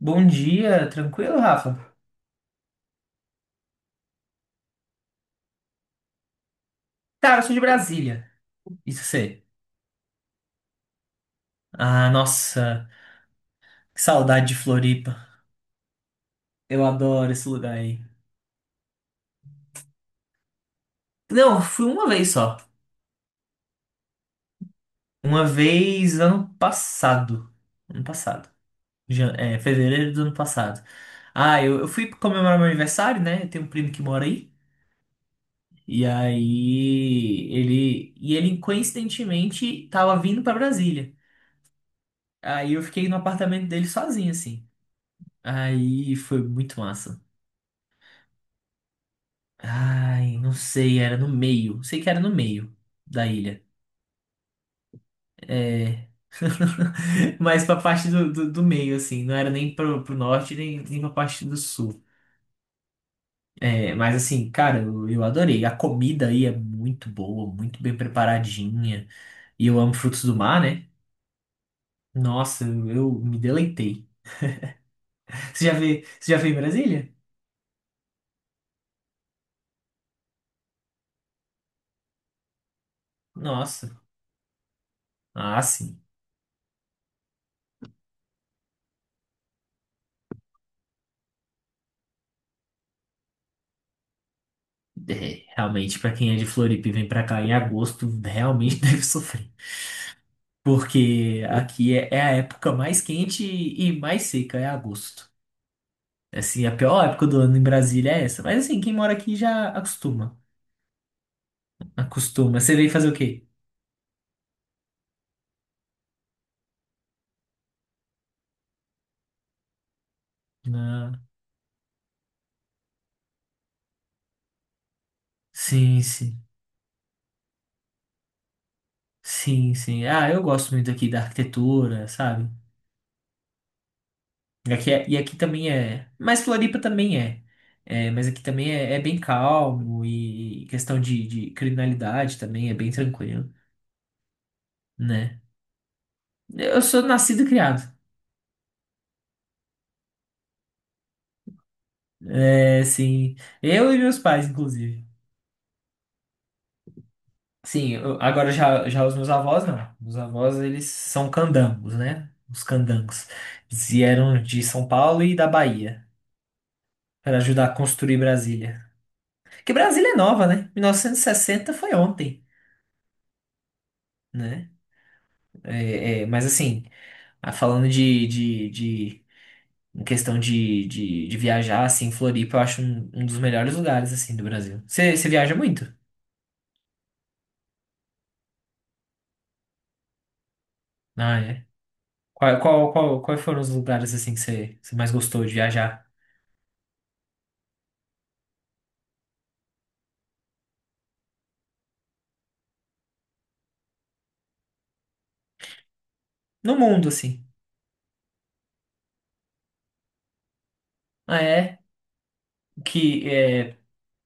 Bom dia, tranquilo, Rafa? Cara, eu sou de Brasília. Isso sei. Ah, nossa, que saudade de Floripa. Eu adoro esse lugar aí. Não, fui uma vez só. Uma vez ano passado. Ano passado. É, fevereiro do ano passado. Ah, eu fui comemorar meu aniversário, né? Eu tenho um primo que mora aí. E aí ele. E ele, coincidentemente, tava vindo pra Brasília. Aí eu fiquei no apartamento dele sozinho, assim. Aí foi muito massa. Ai, não sei, era no meio. Sei que era no meio da ilha. É. Mas pra parte do meio, assim. Não era nem pro norte, nem pra parte do sul. É, mas assim, cara, eu adorei. A comida aí é muito boa, muito bem preparadinha. E eu amo frutos do mar, né? Nossa, eu me deleitei. Você já veio em Brasília? Nossa. Ah, sim. É, realmente, pra quem é de Floripa e vem pra cá em agosto, realmente deve sofrer. Porque aqui é, é a época mais quente e mais seca, é agosto. Assim, a pior época do ano em Brasília é essa. Mas assim, quem mora aqui já acostuma. Acostuma. Você veio fazer o quê? Ah, sim, sim. Sim, sim. Ah, eu gosto muito aqui da arquitetura, sabe? E aqui também é. Mas Floripa também é. É, mas aqui também é, é bem calmo e questão de criminalidade também é bem tranquilo, né? Eu sou nascido e criado. É, sim. Eu e meus pais, inclusive. Sim, agora já os meus avós, não. Os avós, eles são candangos, né? Os candangos. Eles vieram de São Paulo e da Bahia para ajudar a construir Brasília. Que Brasília é nova, né? 1960 foi ontem, né? É, é, mas assim, ah, falando de em questão de viajar, assim, Floripa eu acho um dos melhores lugares, assim, do Brasil. Você viaja muito? Ah, é? Quais foram os lugares assim que você mais gostou de viajar? No mundo, assim. Ah, é? Que, é,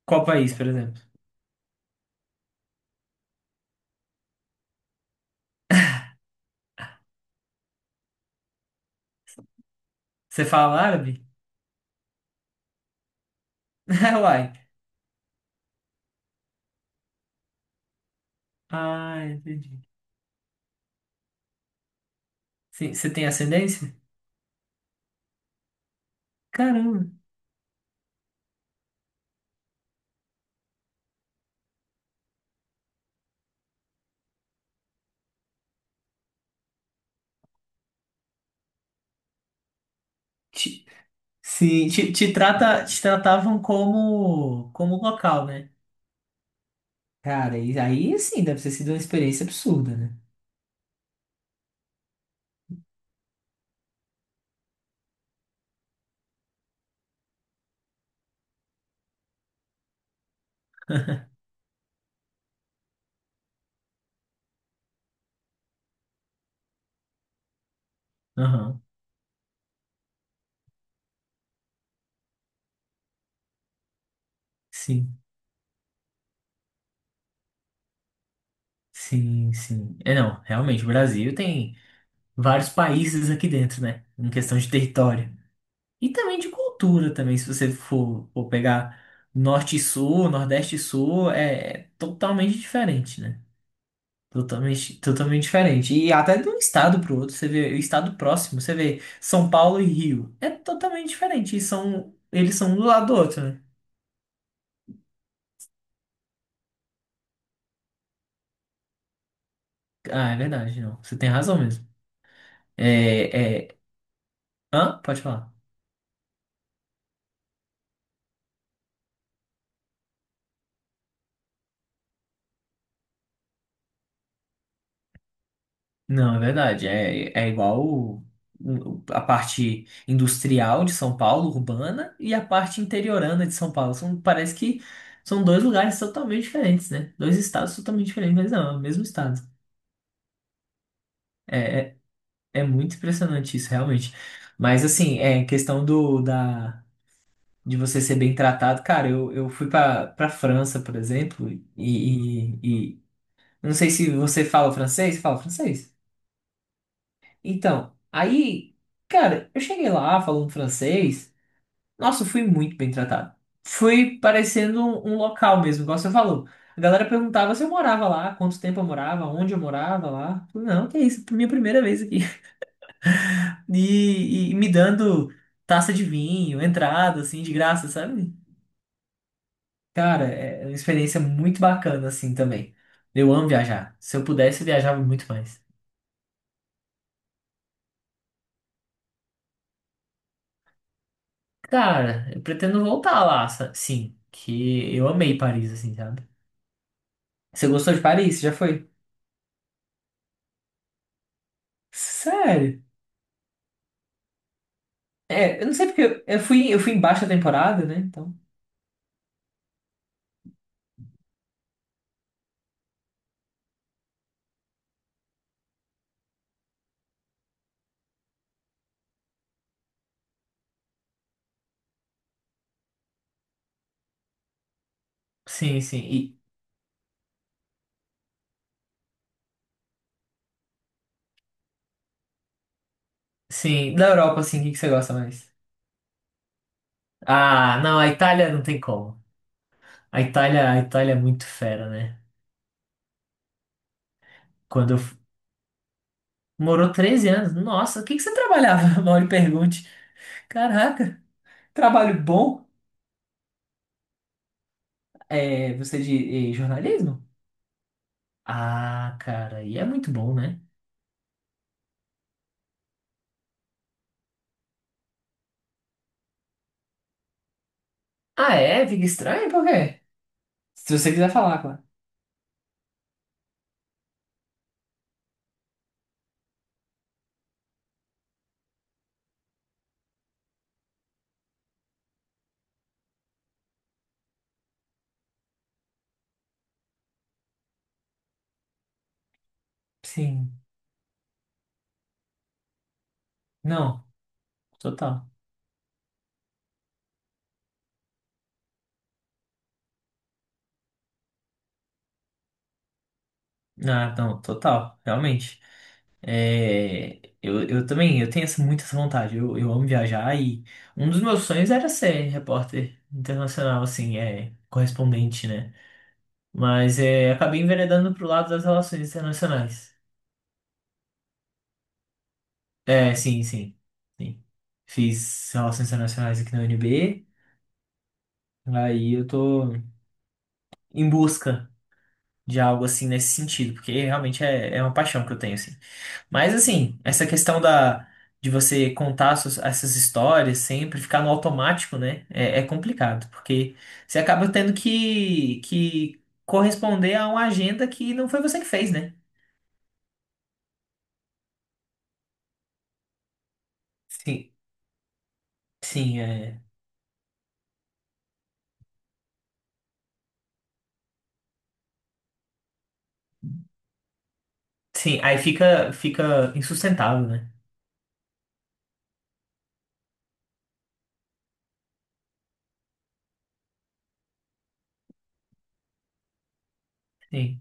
qual país, por exemplo? Você fala árabe? Uai. Ah, entendi. Sim, você tem ascendência? Caramba. Te- sim, te tratavam como, como local, né? Cara, e aí sim, deve ter sido uma experiência absurda, né? Aham. Sim, sim, sim. É, não, realmente, o Brasil tem vários países aqui dentro, né? Em questão de território. E também de cultura também, se você for, for pegar norte e sul, nordeste e sul, é, é totalmente diferente, né? Totalmente, totalmente diferente. E até de um estado para o outro, você vê o estado próximo, você vê São Paulo e Rio, é totalmente diferente. E são, eles são um do lado do outro, né? Ah, é verdade, não. Você tem razão mesmo. É, é... Hã? Pode falar. Não, é verdade. É, é igual a parte industrial de São Paulo, urbana, e a parte interiorana de São Paulo. São, parece que são dois lugares totalmente diferentes, né? Dois estados totalmente diferentes, mas não, é o mesmo estado. É, é, é muito impressionante isso, realmente. Mas, assim, é questão de você ser bem tratado. Cara, eu fui pra França, por exemplo, não sei se você fala francês. Fala francês? Então, aí, cara, eu cheguei lá falando francês. Nossa, eu fui muito bem tratado. Fui parecendo um local mesmo, igual você falou. A galera perguntava se eu morava lá, quanto tempo eu morava, onde eu morava lá. Falei, não, que isso, minha primeira vez aqui. E, e me dando taça de vinho, entrada, assim, de graça, sabe? Cara, é uma experiência muito bacana, assim, também. Eu amo viajar. Se eu pudesse, eu viajava muito mais. Cara, eu pretendo voltar lá, sim. Que eu amei Paris, assim, sabe? Você gostou de Paris? Você já foi? Sério? É, eu não sei porque eu fui em baixa temporada, né? Então, sim, sim. E, sim. Da Europa, assim, o que que você gosta mais? Ah, não, a Itália não tem como. A Itália é muito fera, né? Quando eu... f- Morou 13 anos. Nossa, o que que você trabalhava? Mal lhe pergunte. Caraca. Trabalho bom? É, você é de jornalismo? Ah, cara, e é muito bom, né? Ah, é? Fica estranho? Por quê? Se você quiser falar, claro. Sim. Não, total. Ah, não, total, realmente. É, eu também, eu tenho essa, muito essa vontade. Eu amo viajar e um dos meus sonhos era ser repórter internacional, assim, é, correspondente, né? Mas é, acabei enveredando pro lado das relações internacionais. É, sim, sim, sim. Fiz relações internacionais aqui na UNB, aí eu tô em busca de algo assim nesse sentido, porque realmente é, é uma paixão que eu tenho, assim. Mas assim, essa questão da de você contar essas histórias sempre, ficar no automático, né? É, é complicado, porque você acaba tendo que corresponder a uma agenda que não foi você que fez, né? Sim, sim, é. Sim, aí fica, fica insustentável, né? Sim.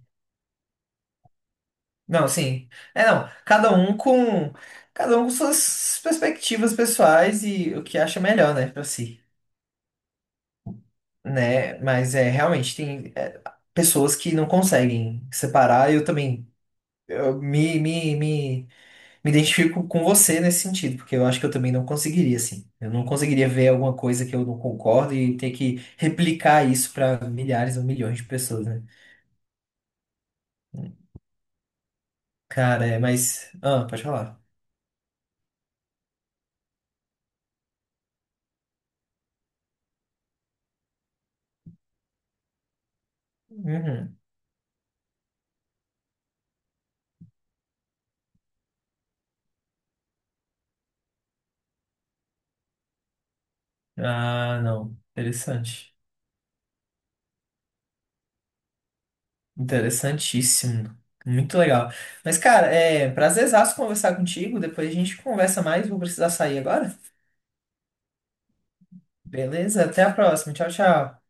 Não, sim. É, não, cada um com suas perspectivas pessoais e o que acha melhor, né, pra si. Né? Mas é realmente tem é, pessoas que não conseguem separar. Eu também eu me, me, me, me identifico com você nesse sentido, porque eu acho que eu também não conseguiria, assim. Eu não conseguiria ver alguma coisa que eu não concordo e ter que replicar isso para milhares ou milhões de pessoas, né? Cara, é, mas. Ah, pode falar. Uhum. Ah, não. Interessante. Interessantíssimo. Muito legal. Mas, cara, é prazerzaço conversar contigo. Depois a gente conversa mais. Vou precisar sair agora. Beleza? Até a próxima. Tchau, tchau.